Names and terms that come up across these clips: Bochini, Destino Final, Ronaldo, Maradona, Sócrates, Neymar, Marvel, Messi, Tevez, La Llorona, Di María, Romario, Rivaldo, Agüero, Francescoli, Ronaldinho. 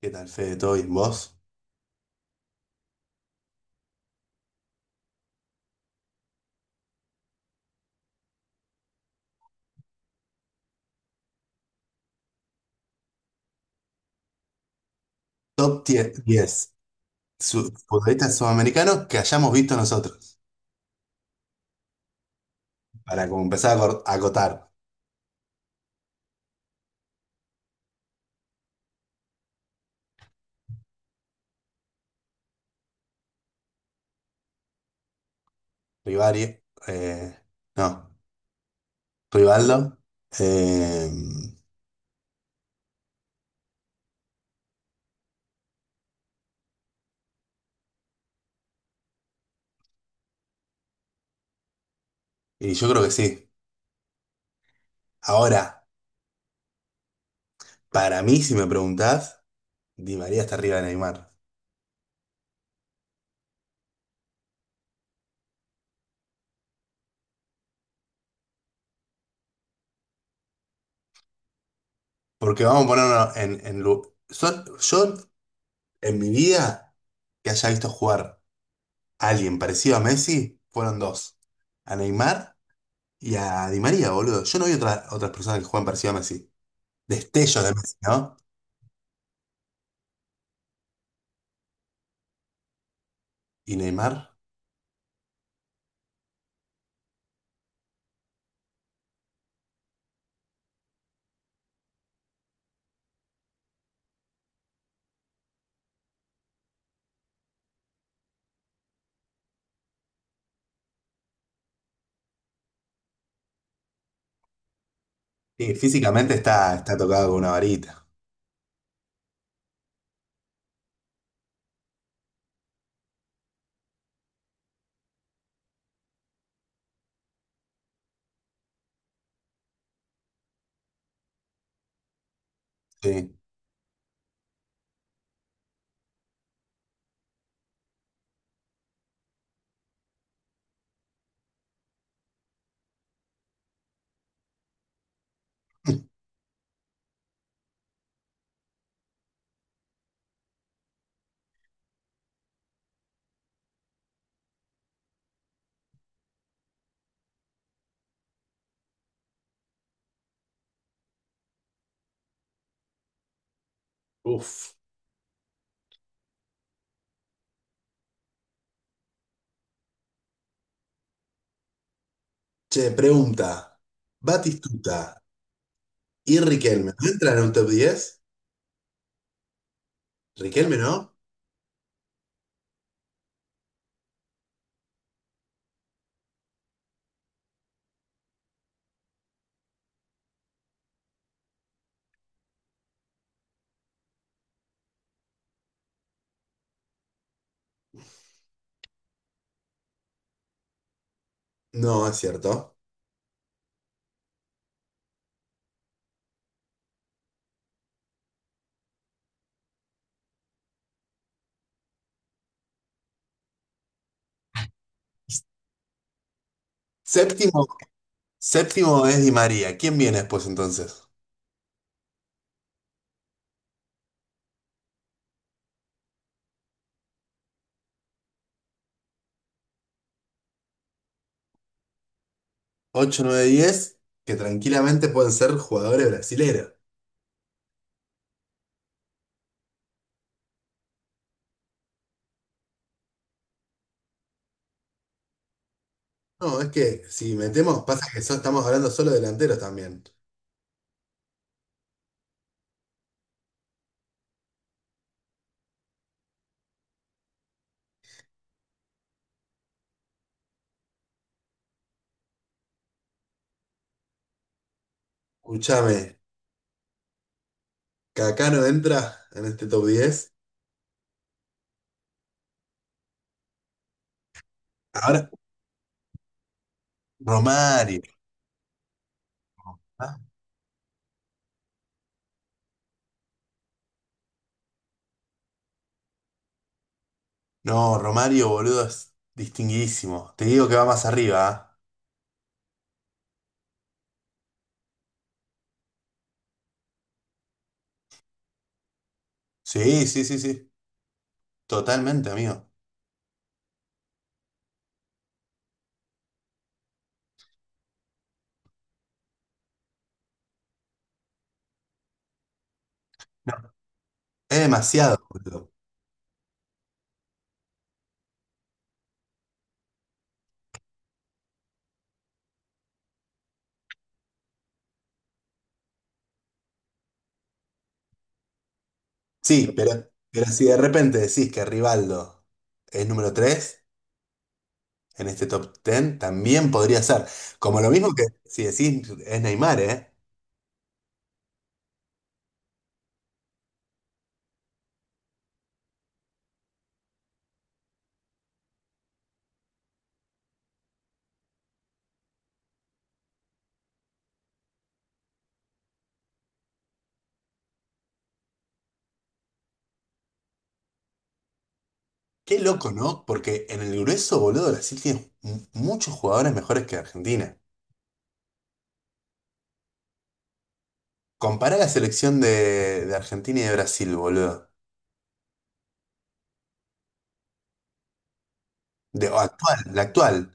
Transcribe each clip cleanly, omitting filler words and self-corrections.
¿Qué tal, Fede? ¿Todo bien? ¿Vos? Top diez futbolistas sudamericanos que hayamos visto nosotros. Para como empezar a acotar. Rivari, eh, no, Rivaldo. eh, y yo creo que sí. Ahora, para mí, si me preguntás, Di María está arriba de Neymar. Porque vamos a ponernos en... yo, en mi vida, que haya visto jugar a alguien parecido a Messi, fueron dos. A Neymar y a Di María, boludo. Yo no vi otras personas que juegan parecido a Messi. Destellos de Messi, ¿no? Y Neymar. Sí, físicamente está tocado con una varita. Sí. Uf. Che, pregunta. Batistuta y Riquelme. ¿No entran en un top 10? ¿Riquelme no? No, es cierto. Séptimo, séptimo es Di María. ¿Quién viene después entonces? Ocho, nueve, diez, que tranquilamente pueden ser jugadores brasileros. No, es que si metemos, pasa que estamos hablando solo de delanteros también. Escúchame, ¿Cacano entra en este top 10? Ahora, Romario. ¿Ah? No, Romario, boludo, es distinguidísimo. Te digo que va más arriba. ¿Ah? Sí, sí, sí, sí. Totalmente, amigo. No, es demasiado, boludo. Sí, pero si de repente decís que Rivaldo es número 3 en este top 10, también podría ser. Como lo mismo que si decís es Neymar, ¿eh? Qué loco, ¿no? Porque en el grueso, boludo, Brasil tiene muchos jugadores mejores que Argentina. Compará la selección de Argentina y de Brasil, boludo. De, o actual, la actual.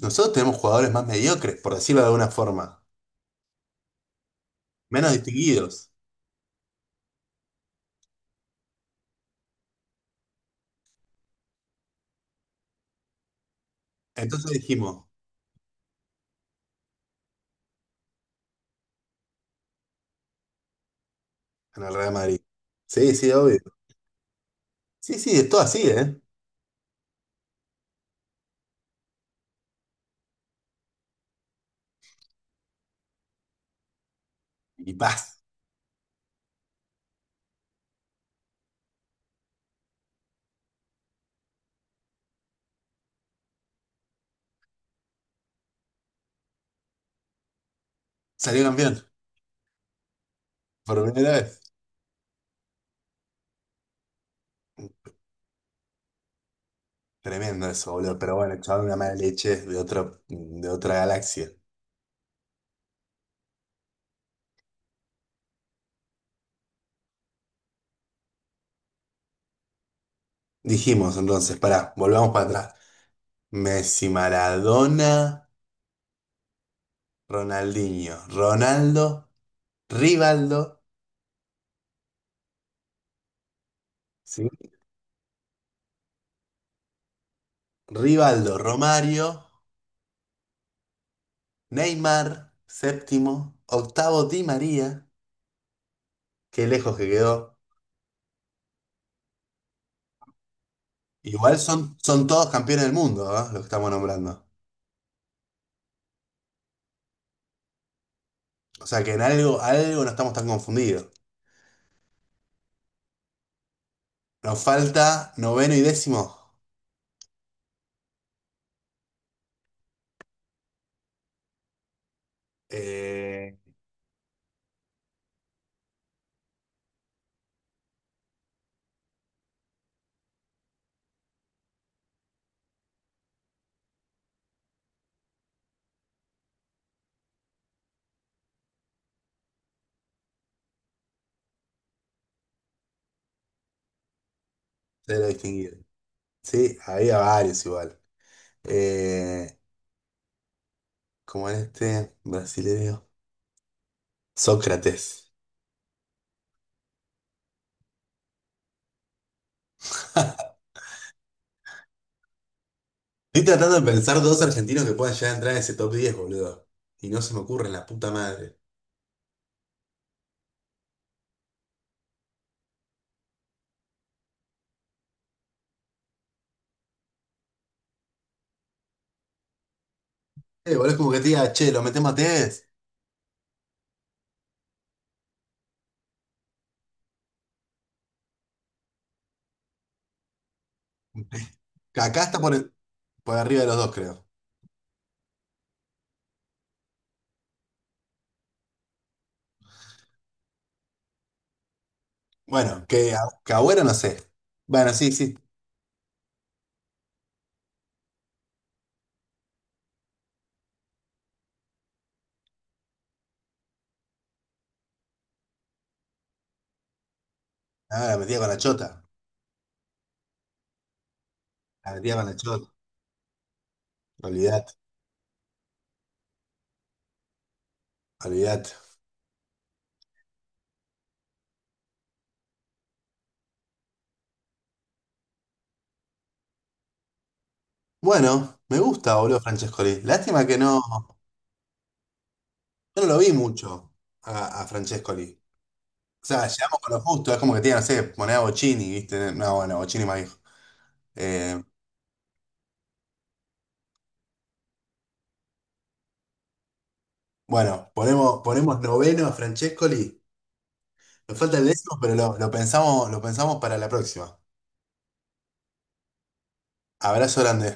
Nosotros tenemos jugadores más mediocres, por decirlo de alguna forma. Menos distinguidos. Entonces dijimos, en el Real Madrid. Sí, sí, obvio. Sí, sí, es todo así, ¿eh? Y paz. Salió campeón. Por primera vez. Tremendo eso, boludo. Pero bueno, chaval, una mala leche de otro, de otra galaxia. Dijimos entonces, pará, volvamos para atrás. Messi, Maradona, Ronaldinho, Ronaldo, Rivaldo. Sí. Rivaldo, Romario, Neymar, séptimo, octavo Di María, qué lejos que quedó. Igual son todos campeones del mundo, ¿ah? Los que estamos nombrando. O sea que en algo, algo no estamos tan confundidos. Nos falta noveno y décimo. Eh, se lo... Sí, había varios igual. Eh, como en este brasileño, Sócrates. Estoy tratando de pensar dos argentinos que puedan llegar a entrar en ese top 10, boludo. Y no se me ocurre la puta madre. Boludo, es como que te diga, che, lo metemos a Tevez. Que acá está por arriba de los dos, creo. Bueno, que, a- que Agüero no sé. Bueno, sí, sí. Ah, la metía con la chota. La metía con la chota. Olvidate, olvidate. Bueno, me gusta, boludo, Francescoli. Lástima que no. Yo no lo vi mucho a Francescoli. O sea, llegamos con lo justo. Es como que tiene, no sé, poner a Bochini, ¿viste? No, bueno, Bochini más viejo. Eh, bueno, ponemos noveno a Francescoli. Nos falta el décimo, pero lo pensamos para la próxima. Abrazo grande.